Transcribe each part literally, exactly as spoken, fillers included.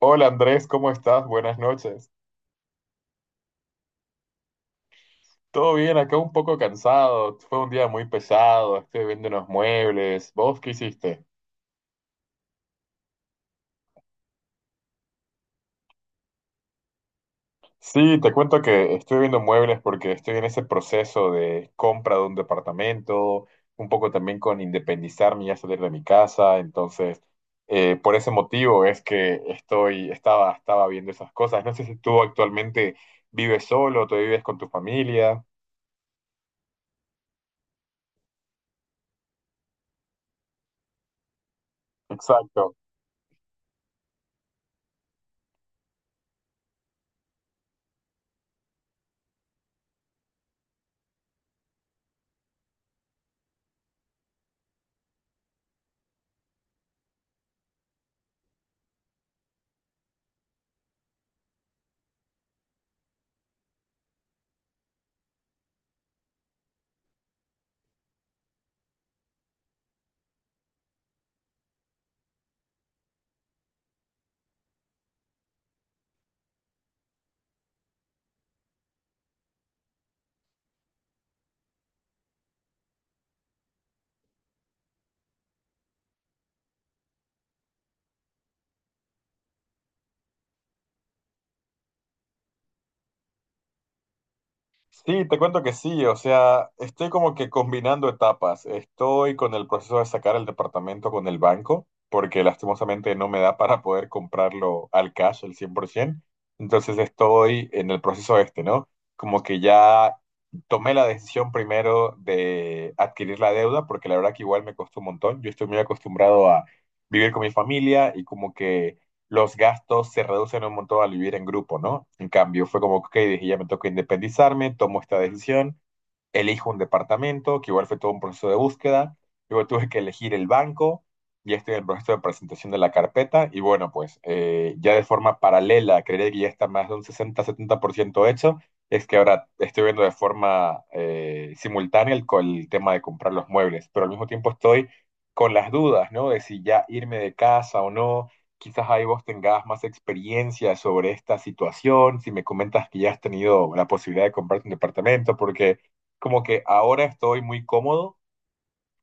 Hola Andrés, ¿cómo estás? Buenas noches. Todo bien, acá un poco cansado. Fue un día muy pesado. Estoy viendo unos muebles. ¿Vos qué hiciste? Sí, te cuento que estoy viendo muebles porque estoy en ese proceso de compra de un departamento, un poco también con independizarme y ya salir de mi casa. Entonces, eh, por ese motivo es que estoy, estaba, estaba viendo esas cosas. No sé si tú actualmente vives solo, tú vives con tu familia. Exacto. Sí, te cuento que sí, o sea, estoy como que combinando etapas. Estoy con el proceso de sacar el departamento con el banco, porque lastimosamente no me da para poder comprarlo al cash al cien por ciento. Entonces estoy en el proceso este, ¿no? Como que ya tomé la decisión primero de adquirir la deuda, porque la verdad que igual me costó un montón. Yo estoy muy acostumbrado a vivir con mi familia y como que los gastos se reducen un montón al vivir en grupo, ¿no? En cambio, fue como, ok, dije, ya me toca independizarme, tomo esta decisión, elijo un departamento, que igual fue todo un proceso de búsqueda, luego tuve que elegir el banco, ya estoy en el proceso de presentación de la carpeta y bueno, pues eh, ya de forma paralela, creería que ya está más de un sesenta-setenta por ciento hecho, es que ahora estoy viendo de forma eh, simultánea el, co- el tema de comprar los muebles, pero al mismo tiempo estoy con las dudas, ¿no? De si ya irme de casa o no. Quizás ahí vos tengas más experiencia sobre esta situación, si me comentas que ya has tenido la posibilidad de comprarte un departamento, porque como que ahora estoy muy cómodo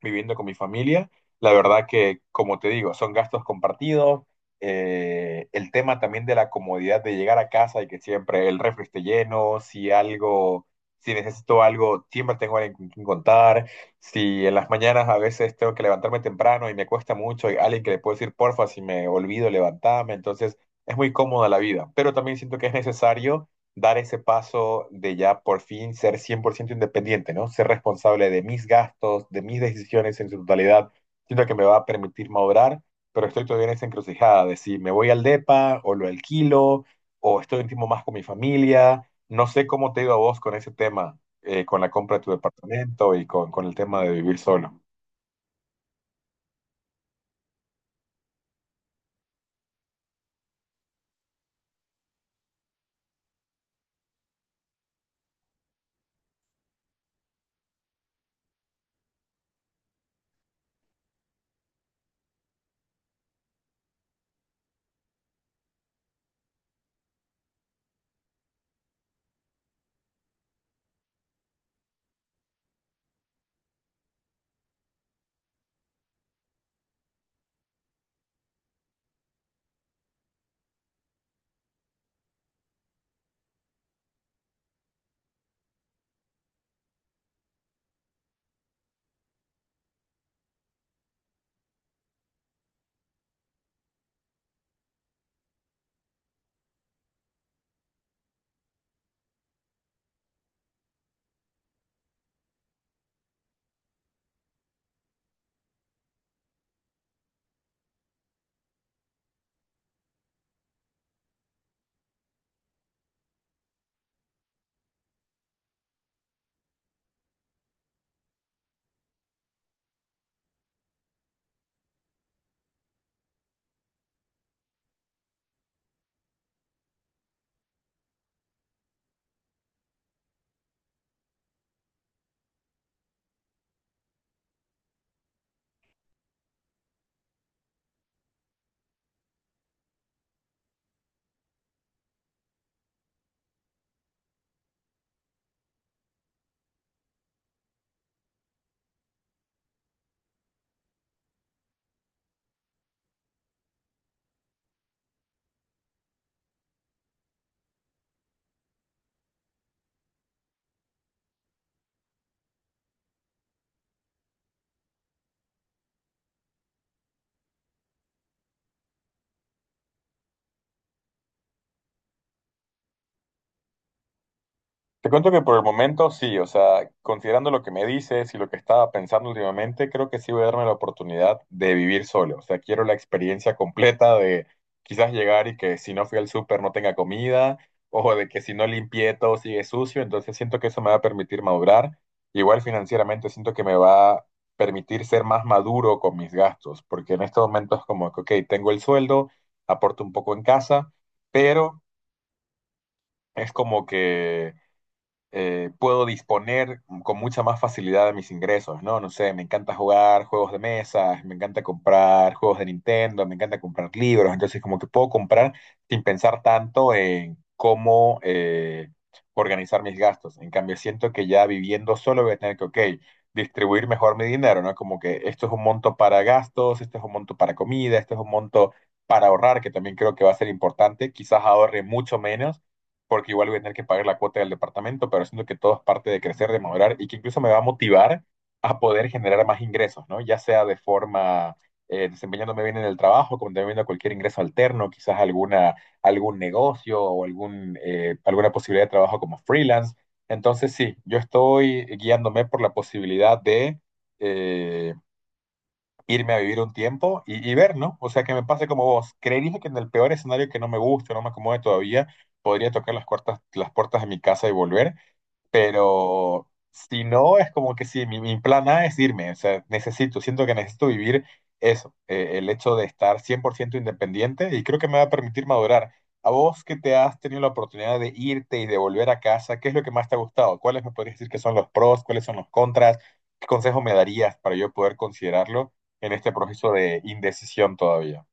viviendo con mi familia. La verdad que, como te digo, son gastos compartidos. Eh, el tema también de la comodidad de llegar a casa y que siempre el refri esté lleno, si algo, si necesito algo, siempre tengo alguien con quien contar. Si en las mañanas a veces tengo que levantarme temprano y me cuesta mucho, hay alguien que le puedo decir, porfa, si me olvido, levantarme. Entonces, es muy cómoda la vida, pero también siento que es necesario dar ese paso de ya por fin ser cien por ciento independiente, ¿no? Ser responsable de mis gastos, de mis decisiones en su totalidad. Siento que me va a permitir madurar, pero estoy todavía en esa encrucijada de si me voy al DEPA o lo alquilo o estoy un tiempo más con mi familia. No sé cómo te ha ido a vos con ese tema, eh, con la compra de tu departamento y con, con el tema de vivir solo. Te cuento que por el momento sí, o sea, considerando lo que me dices y lo que estaba pensando últimamente, creo que sí voy a darme la oportunidad de vivir solo. O sea, quiero la experiencia completa de quizás llegar y que si no fui al súper no tenga comida, o de que si no limpié todo sigue sucio. Entonces siento que eso me va a permitir madurar. Igual financieramente siento que me va a permitir ser más maduro con mis gastos, porque en estos momentos es como que, ok, tengo el sueldo, aporto un poco en casa, pero es como que eh, puedo disponer con mucha más facilidad de mis ingresos, ¿no? No sé, me encanta jugar juegos de mesa, me encanta comprar juegos de Nintendo, me encanta comprar libros, entonces como que puedo comprar sin pensar tanto en cómo eh, organizar mis gastos. En cambio, siento que ya viviendo solo voy a tener que, ok, distribuir mejor mi dinero, ¿no? Como que esto es un monto para gastos, esto es un monto para comida, esto es un monto para ahorrar, que también creo que va a ser importante, quizás ahorre mucho menos porque igual voy a tener que pagar la cuota del departamento, pero siento que todo es parte de crecer, de madurar y que incluso me va a motivar a poder generar más ingresos, ¿no? Ya sea de forma eh, desempeñándome bien en el trabajo, como también viendo cualquier ingreso alterno, quizás alguna, algún negocio o algún, eh, alguna posibilidad de trabajo como freelance. Entonces, sí, yo estoy guiándome por la posibilidad de... eh, irme a vivir un tiempo y, y, ver, ¿no? O sea, que me pase como vos. Creería que en el peor escenario que no me guste, no me acomode todavía, podría tocar las puertas, las puertas de mi casa y volver, pero si no, es como que sí, mi, mi plan A es irme, o sea, necesito, siento que necesito vivir eso, eh, el hecho de estar cien por ciento independiente y creo que me va a permitir madurar. A vos que te has tenido la oportunidad de irte y de volver a casa, ¿qué es lo que más te ha gustado? ¿Cuáles me podrías decir que son los pros? ¿Cuáles son los contras? ¿Qué consejo me darías para yo poder considerarlo en este proceso de indecisión todavía?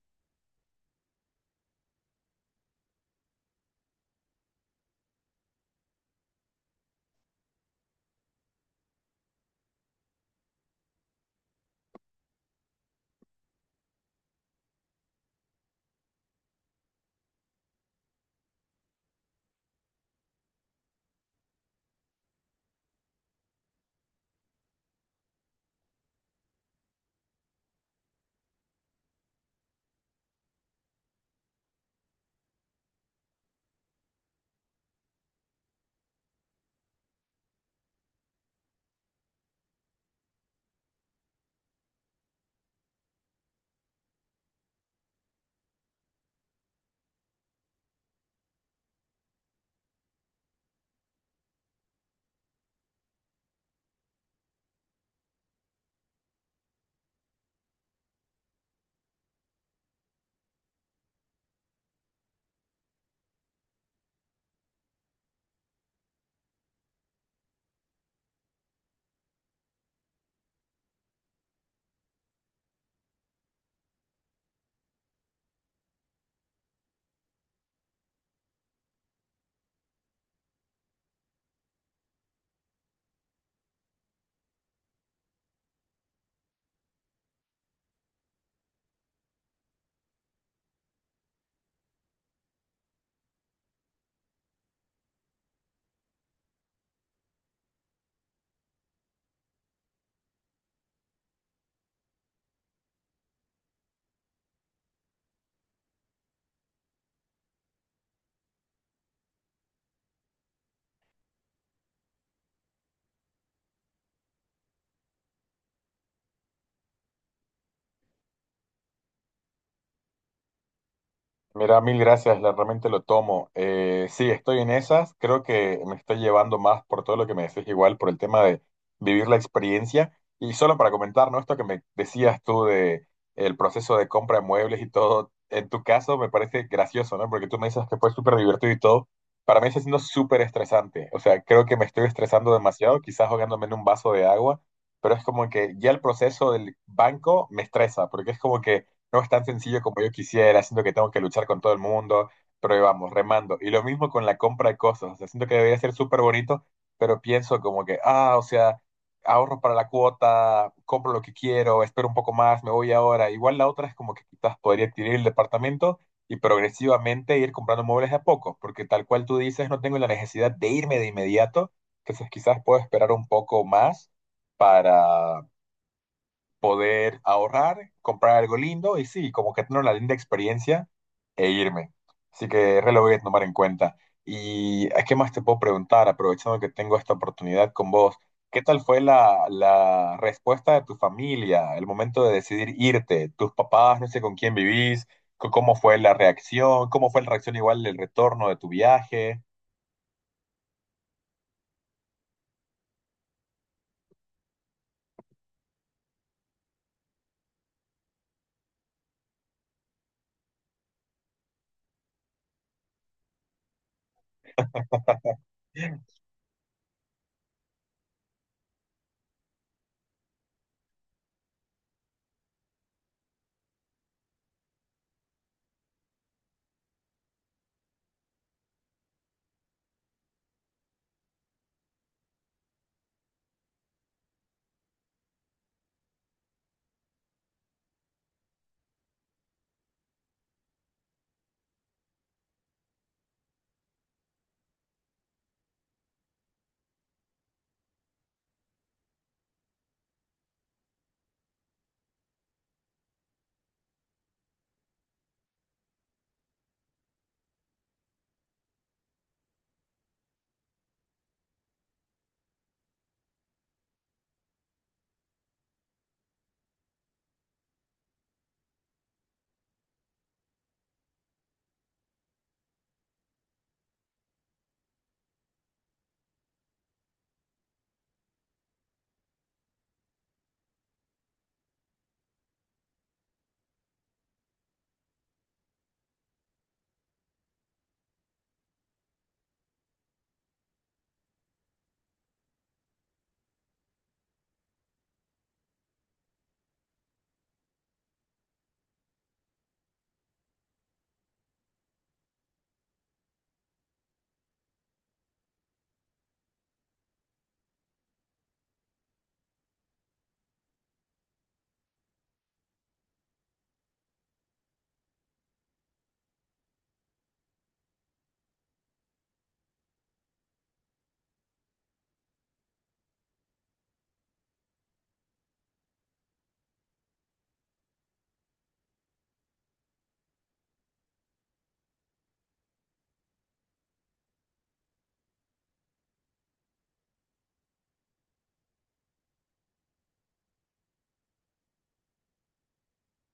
Mira, mil gracias, la- realmente lo tomo. Eh, sí, estoy en esas, creo que me estoy llevando más por todo lo que me decís igual, por el tema de vivir la experiencia. Y solo para comentar, ¿no? Esto que me decías tú de el proceso de compra de muebles y todo, en tu caso me parece gracioso, ¿no? Porque tú me dices que fue súper divertido y todo. Para mí está siendo súper estresante, o sea, creo que me estoy estresando demasiado, quizás ahogándome en un vaso de agua, pero es como que ya el proceso del banco me estresa, porque es como que no es tan sencillo como yo quisiera, siento que tengo que luchar con todo el mundo, pero ahí vamos, remando. Y lo mismo con la compra de cosas, o sea, siento que debería ser súper bonito, pero pienso como que, ah, o sea, ahorro para la cuota, compro lo que quiero, espero un poco más, me voy ahora. Igual la otra es como que quizás podría adquirir el departamento y progresivamente ir comprando muebles de a poco, porque tal cual tú dices, no tengo la necesidad de irme de inmediato, entonces quizás puedo esperar un poco más para poder ahorrar, comprar algo lindo y sí, como que tener una linda experiencia e irme. Así que re lo voy a tomar en cuenta. ¿Y a qué más te puedo preguntar, aprovechando que tengo esta oportunidad con vos? ¿Qué tal fue la, la respuesta de tu familia, el momento de decidir irte? ¿Tus papás, no sé con quién vivís? c- ¿Cómo fue la reacción? ¿Cómo fue la reacción igual del retorno de tu viaje?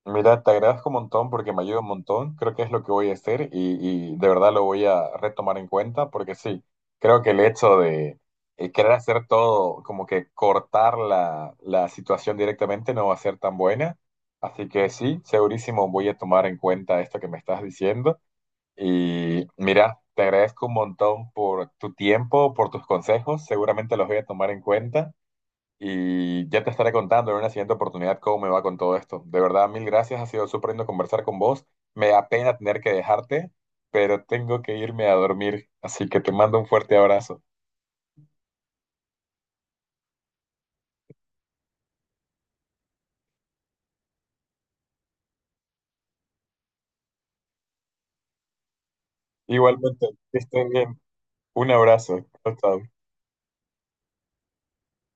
Mira, te agradezco un montón porque me ayuda un montón. Creo que es lo que voy a hacer y, y de verdad lo voy a retomar en cuenta porque sí, creo que el hecho de eh, querer hacer todo, como que cortar la, la situación directamente no va a ser tan buena. Así que sí, segurísimo voy a tomar en cuenta esto que me estás diciendo. Y mira, te agradezco un montón por tu tiempo, por tus consejos. Seguramente los voy a tomar en cuenta. Y ya te estaré contando en una siguiente oportunidad cómo me va con todo esto. De verdad, mil gracias. Ha sido súper lindo conversar con vos. Me da pena tener que dejarte, pero tengo que irme a dormir. Así que te mando un fuerte abrazo. Igualmente, que estén bien. Un abrazo. Chao, chao.